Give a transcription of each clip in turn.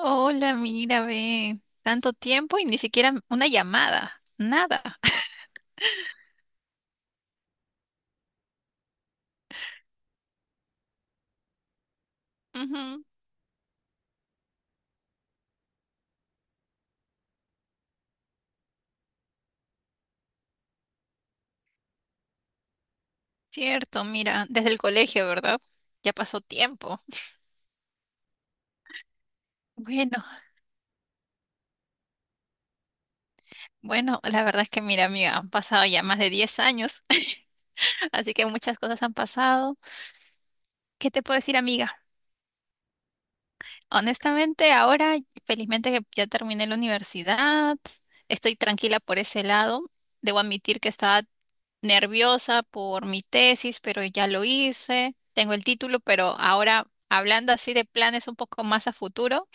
Hola, mira, ve, tanto tiempo y ni siquiera una llamada, nada. Ujú, cierto, mira, desde el colegio, ¿verdad? Ya pasó tiempo. Bueno, bueno, la verdad es que mira, amiga, han pasado ya más de 10 años, así que muchas cosas han pasado. ¿Qué te puedo decir, amiga? Honestamente, ahora felizmente que ya terminé la universidad, estoy tranquila por ese lado. Debo admitir que estaba nerviosa por mi tesis, pero ya lo hice, tengo el título, pero ahora hablando así de planes un poco más a futuro.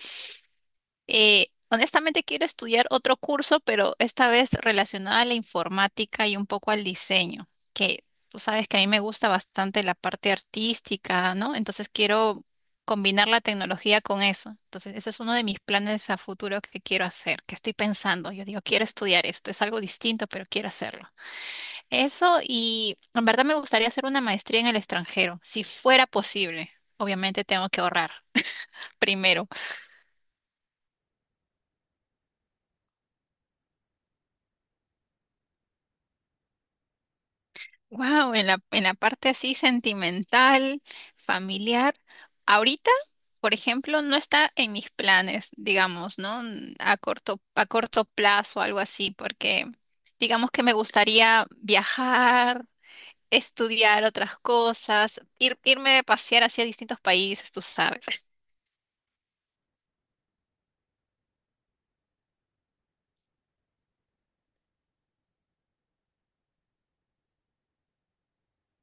Honestamente quiero estudiar otro curso, pero esta vez relacionado a la informática y un poco al diseño, que tú sabes que a mí me gusta bastante la parte artística, ¿no? Entonces quiero combinar la tecnología con eso. Entonces, ese es uno de mis planes a futuro que quiero hacer, que estoy pensando. Yo digo, quiero estudiar esto, es algo distinto, pero quiero hacerlo. Eso y en verdad me gustaría hacer una maestría en el extranjero, si fuera posible. Obviamente tengo que ahorrar primero. Wow, en la parte así sentimental, familiar, ahorita, por ejemplo, no está en mis planes, digamos, ¿no? A corto plazo, algo así, porque digamos que me gustaría viajar, estudiar otras cosas, ir, irme a pasear hacia distintos países, tú sabes.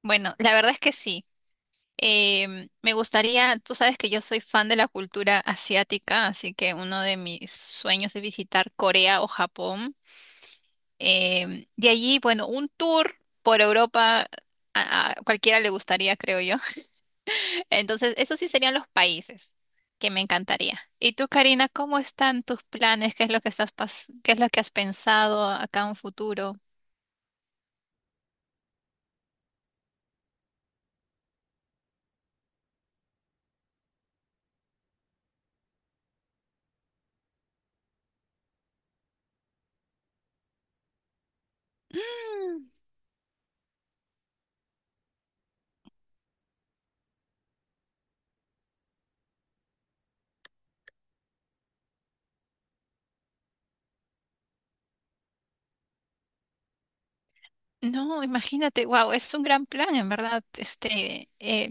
Bueno, la verdad es que sí. Me gustaría, tú sabes que yo soy fan de la cultura asiática, así que uno de mis sueños es visitar Corea o Japón. De allí, bueno, un tour por Europa a cualquiera le gustaría, creo yo. Entonces, esos sí serían los países que me encantaría. ¿Y tú, Karina, cómo están tus planes? ¿Qué es lo que estás qué es lo que has pensado acá en un futuro? Mm, No, imagínate, wow, es un gran plan, en verdad. Este,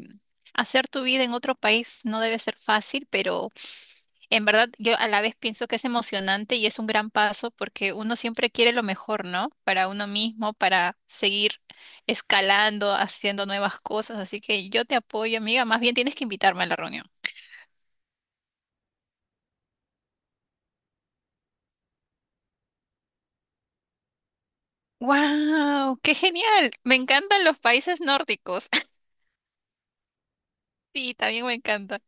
hacer tu vida en otro país no debe ser fácil, pero en verdad yo a la vez pienso que es emocionante y es un gran paso porque uno siempre quiere lo mejor, ¿no? Para uno mismo, para seguir escalando, haciendo nuevas cosas. Así que yo te apoyo, amiga. Más bien tienes que invitarme a la reunión. ¡Wow! ¡Qué genial! Me encantan los países nórdicos. Sí, también me encanta.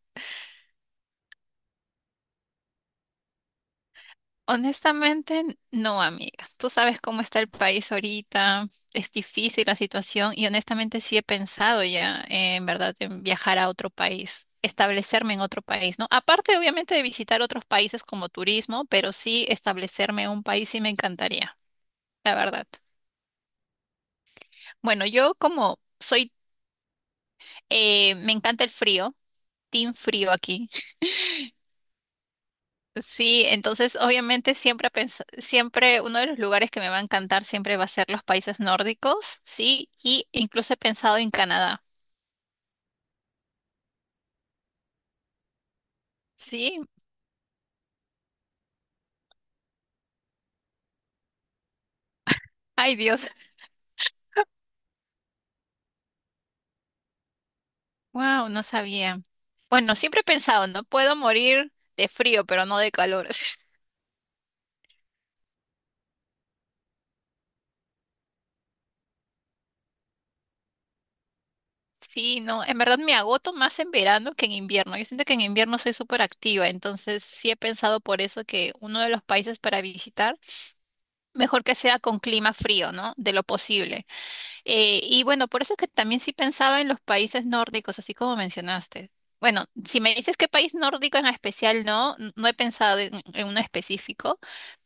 Honestamente, no, amiga. Tú sabes cómo está el país ahorita, es difícil la situación y honestamente sí he pensado ya, en verdad, en viajar a otro país, establecerme en otro país, ¿no? Aparte, obviamente, de visitar otros países como turismo, pero sí establecerme en un país sí me encantaría, la verdad. Bueno, yo como soy, me encanta el frío, team frío aquí. Sí, entonces obviamente siempre, siempre uno de los lugares que me va a encantar siempre va a ser los países nórdicos, sí, y incluso he pensado en Canadá, sí, ay Dios, wow, no sabía. Bueno, siempre he pensado, no puedo morir de frío, pero no de calor. Sí, no, en verdad me agoto más en verano que en invierno. Yo siento que en invierno soy súper activa, entonces sí he pensado por eso que uno de los países para visitar, mejor que sea con clima frío, ¿no? De lo posible. Y bueno, por eso es que también sí pensaba en los países nórdicos, así como mencionaste. Bueno, si me dices qué país nórdico en especial, no, no he pensado en uno específico,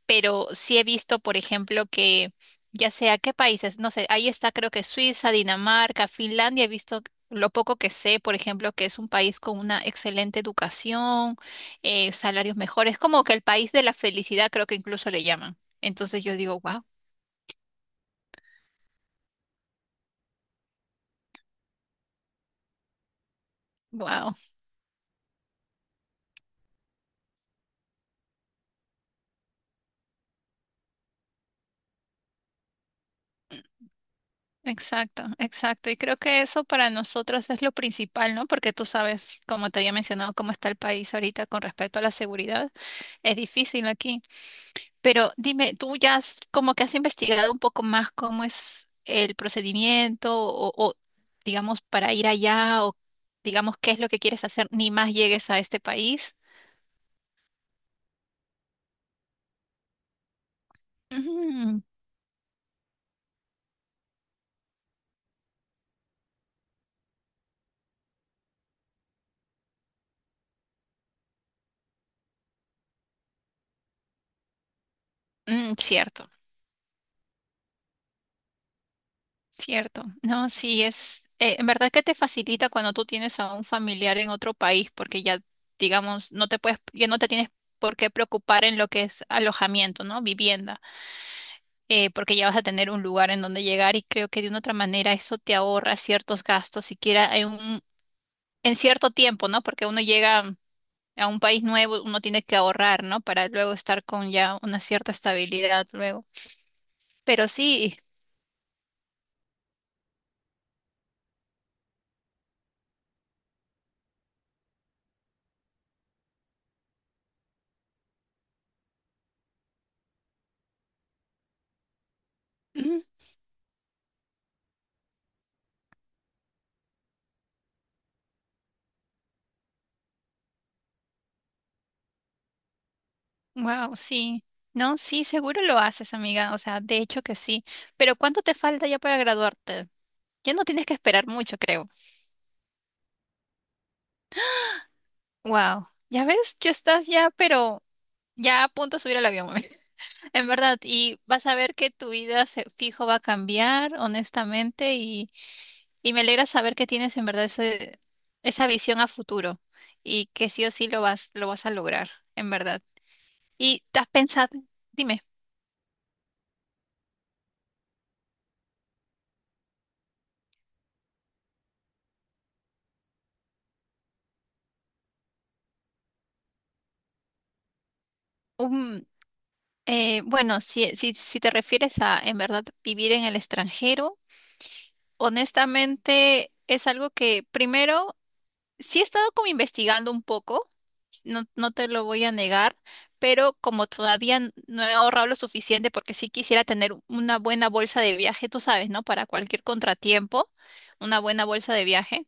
pero sí he visto, por ejemplo, que ya sea qué países, no sé, ahí está creo que Suiza, Dinamarca, Finlandia, he visto lo poco que sé, por ejemplo, que es un país con una excelente educación, salarios mejores, como que el país de la felicidad creo que incluso le llaman. Entonces yo digo, wow, wow. Exacto, exacto. Y creo que eso para nosotros es lo principal, ¿no? Porque tú sabes, como te había mencionado, cómo está el país ahorita con respecto a la seguridad. Es difícil aquí. Pero dime, tú ya como que has investigado un poco más cómo es el procedimiento o, digamos, para ir allá o, digamos, qué es lo que quieres hacer, ni más llegues a este país. Ujú. Mm, cierto. Cierto, no, sí es, en verdad que te facilita cuando tú tienes a un familiar en otro país, porque ya, digamos, no te puedes, ya no te tienes por qué preocupar en lo que es alojamiento, ¿no? Vivienda, porque ya vas a tener un lugar en donde llegar y creo que de una otra manera eso te ahorra ciertos gastos, siquiera en un, en cierto tiempo, ¿no? Porque uno llega a un país nuevo, uno tiene que ahorrar, ¿no? Para luego estar con ya una cierta estabilidad luego. Pero sí. Wow, sí. No, sí, seguro lo haces, amiga. O sea, de hecho que sí. Pero ¿cuánto te falta ya para graduarte? Ya no tienes que esperar mucho, creo. Wow. Ya ves, ya estás ya, pero ya a punto de subir al avión, mami. En verdad, y vas a ver que tu vida fijo va a cambiar, honestamente, y me alegra saber que tienes en verdad ese, esa visión a futuro y que sí o sí lo vas a lograr, en verdad. ¿Y te has pensado? Dime. Bueno, si, si, si te refieres a en verdad vivir en el extranjero, honestamente es algo que primero sí he estado como investigando un poco, no, no te lo voy a negar, pero como todavía no he ahorrado lo suficiente porque sí quisiera tener una buena bolsa de viaje, tú sabes, ¿no? Para cualquier contratiempo, una buena bolsa de viaje.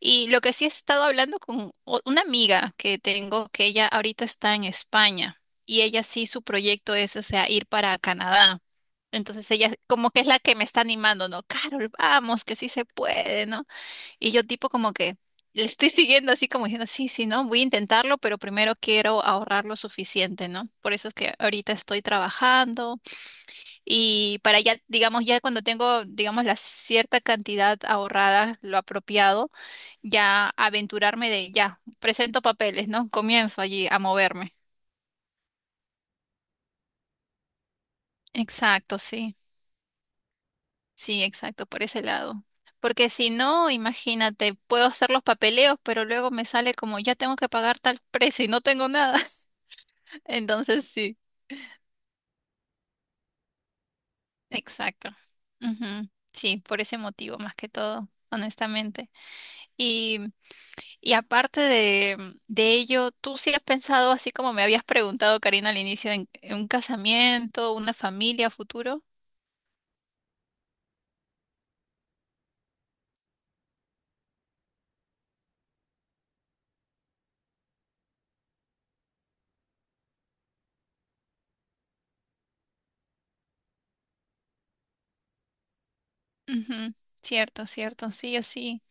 Y lo que sí he estado hablando con una amiga que tengo, que ella ahorita está en España y ella sí su proyecto es, o sea, ir para Canadá. Entonces ella como que es la que me está animando, ¿no? Carol, vamos, que sí se puede, ¿no? Y yo tipo como que le estoy siguiendo así como diciendo, sí, sí, ¿no? Voy a intentarlo, pero primero quiero ahorrar lo suficiente, ¿no? Por eso es que ahorita estoy trabajando y para ya, digamos, ya cuando tengo, digamos, la cierta cantidad ahorrada, lo apropiado ya aventurarme de ya, presento papeles, ¿no? Comienzo allí a moverme. Exacto, sí, sí, exacto, por ese lado. Porque si no, imagínate, puedo hacer los papeleos, pero luego me sale como ya tengo que pagar tal precio y no tengo nada. Entonces sí, exacto. Ujú, sí, por ese motivo más que todo, honestamente. Y, y aparte de ello, ¿tú sí has pensado, así como me habías preguntado, Karina, al inicio, en un casamiento, una familia a futuro? Ujú, cierto, cierto, sí o sí.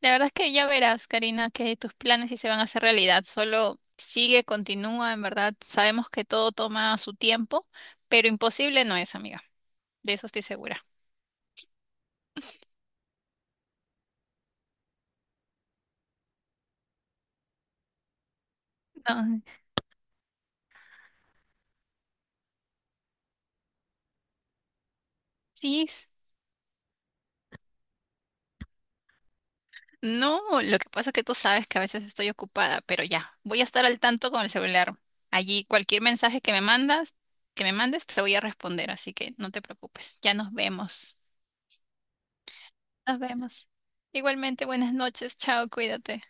La verdad es que ya verás, Karina, que tus planes sí se van a hacer realidad. Solo sigue, continúa, en verdad. Sabemos que todo toma su tiempo, pero imposible no es, amiga. De eso estoy segura. No, sí. No, lo que pasa es que tú sabes que a veces estoy ocupada, pero ya, voy a estar al tanto con el celular. Allí cualquier mensaje que me mandas, que me mandes, te voy a responder, así que no te preocupes. Ya nos vemos. Nos vemos. Igualmente, buenas noches. Chao, cuídate.